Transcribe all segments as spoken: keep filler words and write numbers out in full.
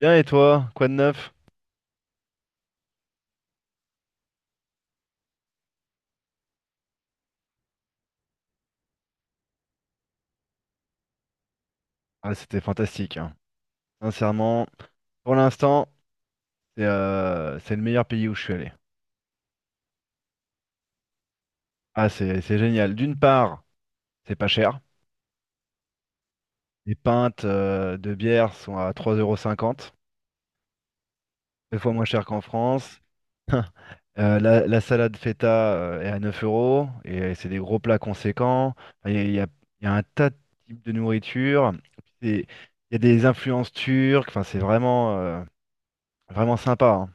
Bien et toi, quoi de neuf? Ah, c'était fantastique, hein. Sincèrement, pour l'instant, c'est euh, c'est le meilleur pays où je suis allé. Ah, c'est c'est génial. D'une part, c'est pas cher. Les pintes euh, de bière sont à trois euros cinquante, cinquante, deux fois moins cher qu'en France. Euh, la, la salade feta euh, est à neuf euros et c'est des gros plats conséquents. Enfin, Il y a, il y a- il y a un tas de types de nourriture. C'est- Il y a des influences turques. Enfin, c'est vraiment, euh, vraiment sympa, hein.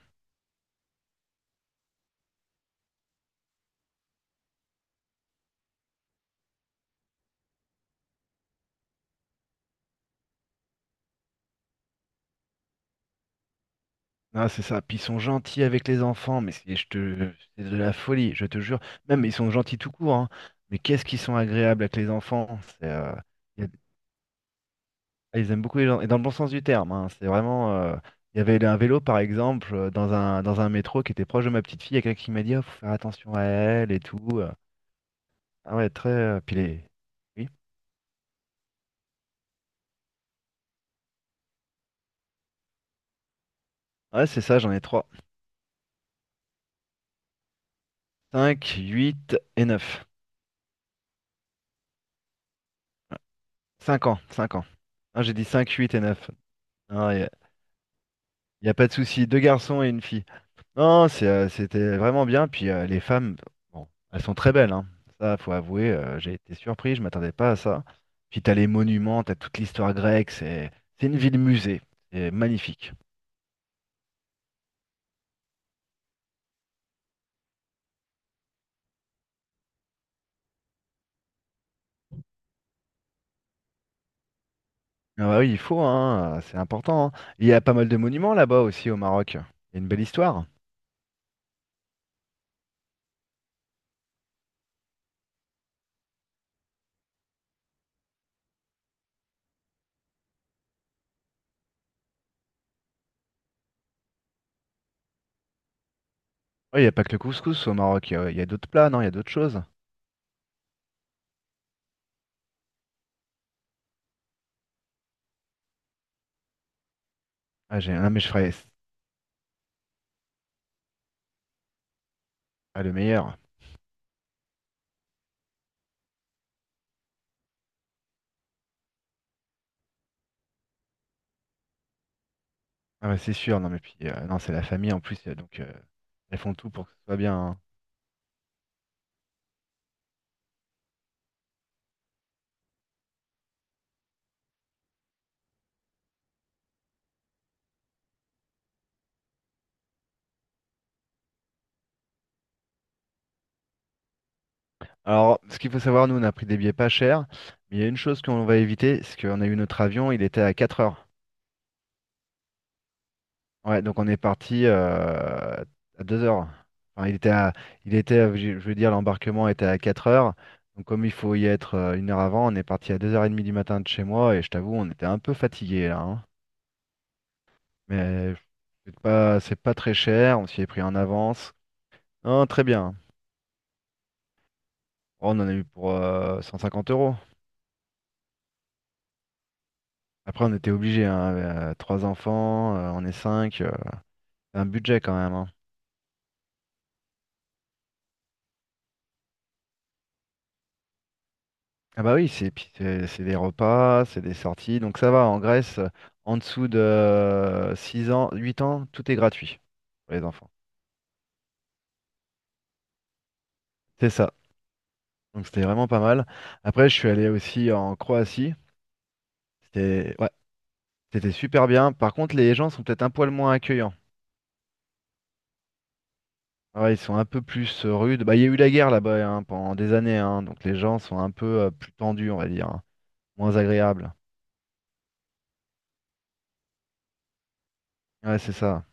Ah, c'est ça. Puis ils sont gentils avec les enfants, mais c'est je te, c'est de la folie, je te jure. Même ils sont gentils tout court, hein. Mais qu'est-ce qu'ils sont agréables avec les enfants. C'est, euh, y a- ah, ils aiment beaucoup les gens, et dans le bon sens du terme, hein. C'est vraiment. euh, Il y avait un vélo, par exemple, euh, dans un, dans un métro qui était proche de ma petite fille. Il y a quelqu'un qui m'a dit, oh, faut faire attention à elle et tout. euh. Ah ouais, très. euh, Puis les... Oui. Ouais, c'est ça, j'en ai trois. Cinq, huit et neuf. Cinq ans, cinq ans. Ah, j'ai dit cinq, huit et neuf. Il n'y a pas de souci, deux garçons et une fille. Non, c'est, euh, c'était vraiment bien. Puis euh, les femmes, bon, elles sont très belles, hein. Ça, faut avouer, euh, j'ai été surpris, je m'attendais pas à ça. Puis t'as les monuments, t'as toute l'histoire grecque, c'est c'est une ville musée, c'est magnifique. Ah bah oui, il faut, hein, euh, c'est important, hein. Il y a pas mal de monuments là-bas aussi au Maroc. Il y a une belle histoire. Oui, il n'y a pas que le couscous au Maroc, il y a, il y a d'autres plats, non, il y a d'autres choses. Ah, j'ai, non, mais je ferais. Ah, le meilleur. Ah ouais, c'est sûr, non mais puis euh, non, c'est la famille en plus, euh, donc euh, elles font tout pour que ce soit bien, hein. Alors, ce qu'il faut savoir, nous, on a pris des billets pas chers, mais il y a une chose qu'on va éviter, c'est qu'on a eu notre avion, il était à quatre heures. Ouais, donc on est parti euh, à deux heures. Enfin, il était à, il était, à- je je veux dire, l'embarquement était à quatre heures. Donc comme il faut y être euh, une heure avant, on est parti à deux heures trente du matin de chez moi, et je t'avoue, on était un peu fatigué là, hein. Mais c'est pas, c'est pas très cher, on s'y est pris en avance. Non, très bien. Oh, on en a eu pour euh, cent cinquante euros. Après, on était obligé, hein, euh, trois enfants, euh, on est cinq, euh, c'est un budget quand même, hein. Ah bah oui, c'est puis c'est c'est des repas, c'est des sorties, donc ça va. En Grèce, euh, en dessous de euh, six ans, huit ans, tout est gratuit pour les enfants. C'est ça. Donc c'était vraiment pas mal. Après, je suis allé aussi en Croatie. C'était, ouais, c'était super bien. Par contre, les gens sont peut-être un poil moins accueillants. Ouais, ils sont un peu plus euh, rudes. Bah, il y a eu la guerre là-bas, hein, pendant des années, hein, donc les gens sont un peu euh, plus tendus, on va dire, hein, moins agréables. Ouais, c'est ça.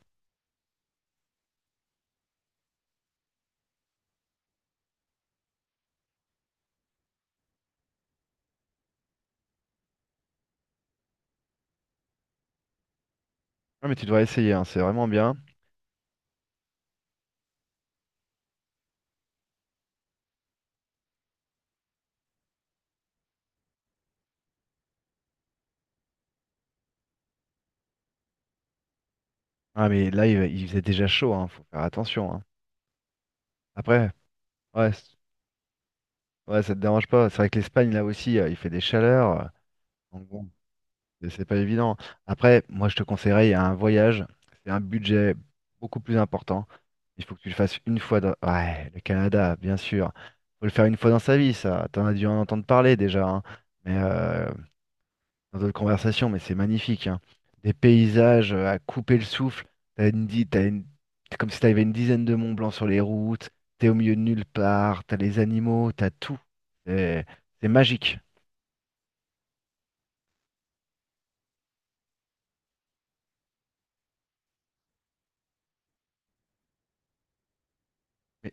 Ouais, mais tu devrais essayer, hein, c'est vraiment bien. Ah, mais là, il, il faisait déjà chaud, hein, faut faire attention, hein. Après, ouais, c- ouais, ça te dérange pas. C'est vrai que l'Espagne, là aussi, euh, il fait des chaleurs. euh, donc bon. Et c'est pas évident. Après, moi, je te conseillerais il y a un voyage. C'est un budget beaucoup plus important. Il faut que tu le fasses une fois dans... Ouais, le Canada, bien sûr. Faut le faire une fois dans sa vie, ça. T'en as dû en entendre parler déjà, hein. Mais euh, dans d'autres conversations, mais c'est magnifique, hein. Des paysages euh, à couper le souffle. T'as une, di- t'as une... C'est comme si t'avais une dizaine de Mont Blanc sur les routes. T'es au milieu de nulle part. T'as les animaux, t'as tout. C'est c'est magique. Mais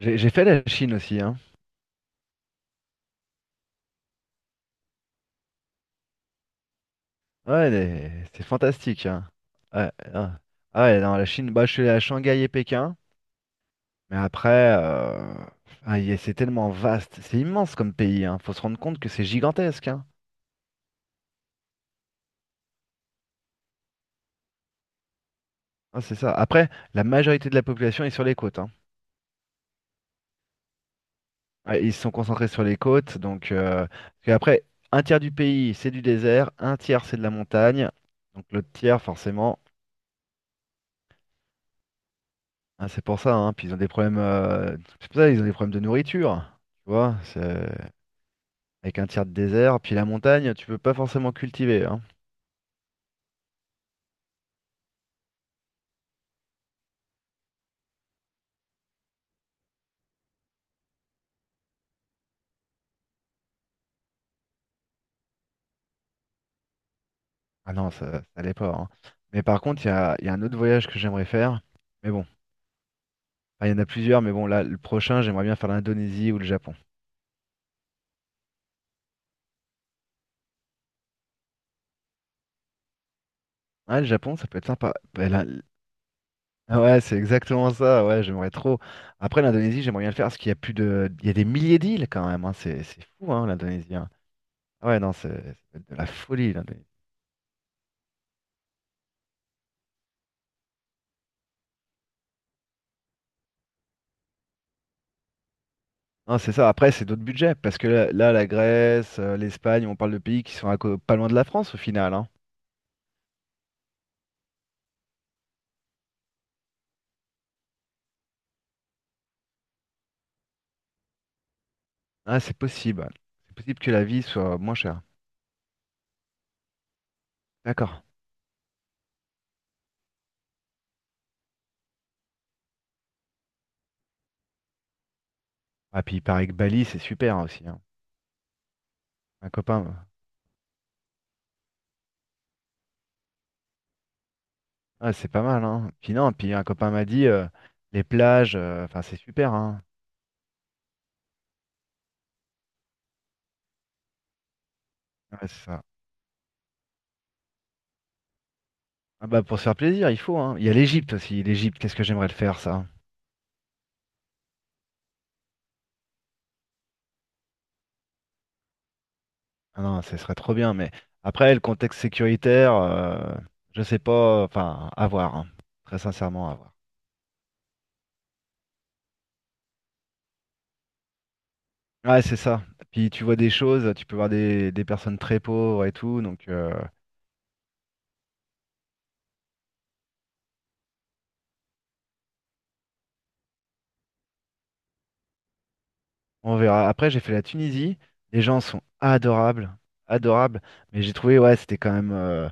J'ai j'ai fait la Chine aussi, hein. Ouais, les- c'est fantastique, hein. Ouais, hein. Ah ouais, non, la Chine, bah, je suis allé à Shanghai et Pékin, mais après, euh, ah, y est- c'est tellement vaste, c'est immense comme pays, hein. Faut se rendre compte que c'est gigantesque, hein. Ah, c'est ça. Après, la majorité de la population est sur les côtes, hein. Ouais, ils se sont concentrés sur les côtes, donc euh, parce qu'après, un tiers du pays, c'est du désert, un tiers, c'est de la montagne, donc l'autre tiers, forcément, hein, c'est pour ça, hein. Puis ils ont des problèmes, euh, c'est pour ça, ils ont des problèmes de nourriture, tu vois, c'est... Avec un tiers de désert, puis la montagne, tu peux pas forcément cultiver, hein. Ah non, ça, ça allait pas, hein. Mais par contre, il y a, il y a un autre voyage que j'aimerais faire. Mais bon, enfin, il y en a plusieurs, mais bon, là, le prochain, j'aimerais bien faire l'Indonésie ou le Japon. Ah, le Japon, ça peut être sympa. Bah, là, l- ah ouais, c'est exactement ça, ouais, j'aimerais trop. Après, l'Indonésie, j'aimerais bien le faire, parce qu'il y a plus de... Il y a des milliers d'îles, quand même, hein. C'est c'est fou, hein, l'Indonésie, hein. Ah ouais, non, c'est c'est de la folie, l'Indonésie. Non, c'est ça. Après, c'est d'autres budgets, parce que là, là, la Grèce, euh, l'Espagne, on parle de pays qui sont à co- pas loin de la France, au final, hein. Ah, c'est possible. C'est possible que la vie soit moins chère. D'accord. Ah, puis il paraît que Bali, c'est super aussi, hein. Un copain. Ah, c'est pas mal, hein. Puis non, puis un copain m'a dit euh, les plages, euh, enfin, c'est super, hein. Ouais, c'est ça. Ah bah pour se faire plaisir, il faut, hein. Il y a l'Égypte aussi. L'Égypte, qu'est-ce que j'aimerais le faire, ça? Ah non, ce serait trop bien, mais après, le contexte sécuritaire, euh, je sais pas, enfin, à voir, hein. Très sincèrement, à voir. Ouais, c'est ça. Puis tu vois des choses, tu peux voir des, des personnes très pauvres et tout, donc. euh, On verra. Après, j'ai fait la Tunisie. Les gens sont adorables, adorables. Mais j'ai trouvé, ouais, c'était quand même. euh,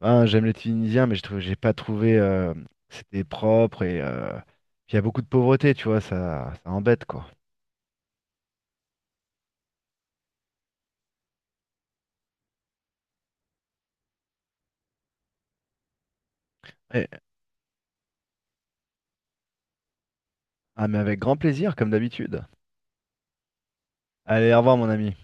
ben, j'aime les Tunisiens, mais j'ai trouvé, j'ai pas trouvé. euh, c'était propre et euh, puis il y a beaucoup de pauvreté, tu vois, ça, ça embête quoi. Et- ah, mais avec grand plaisir, comme d'habitude. Allez, au revoir, mon ami.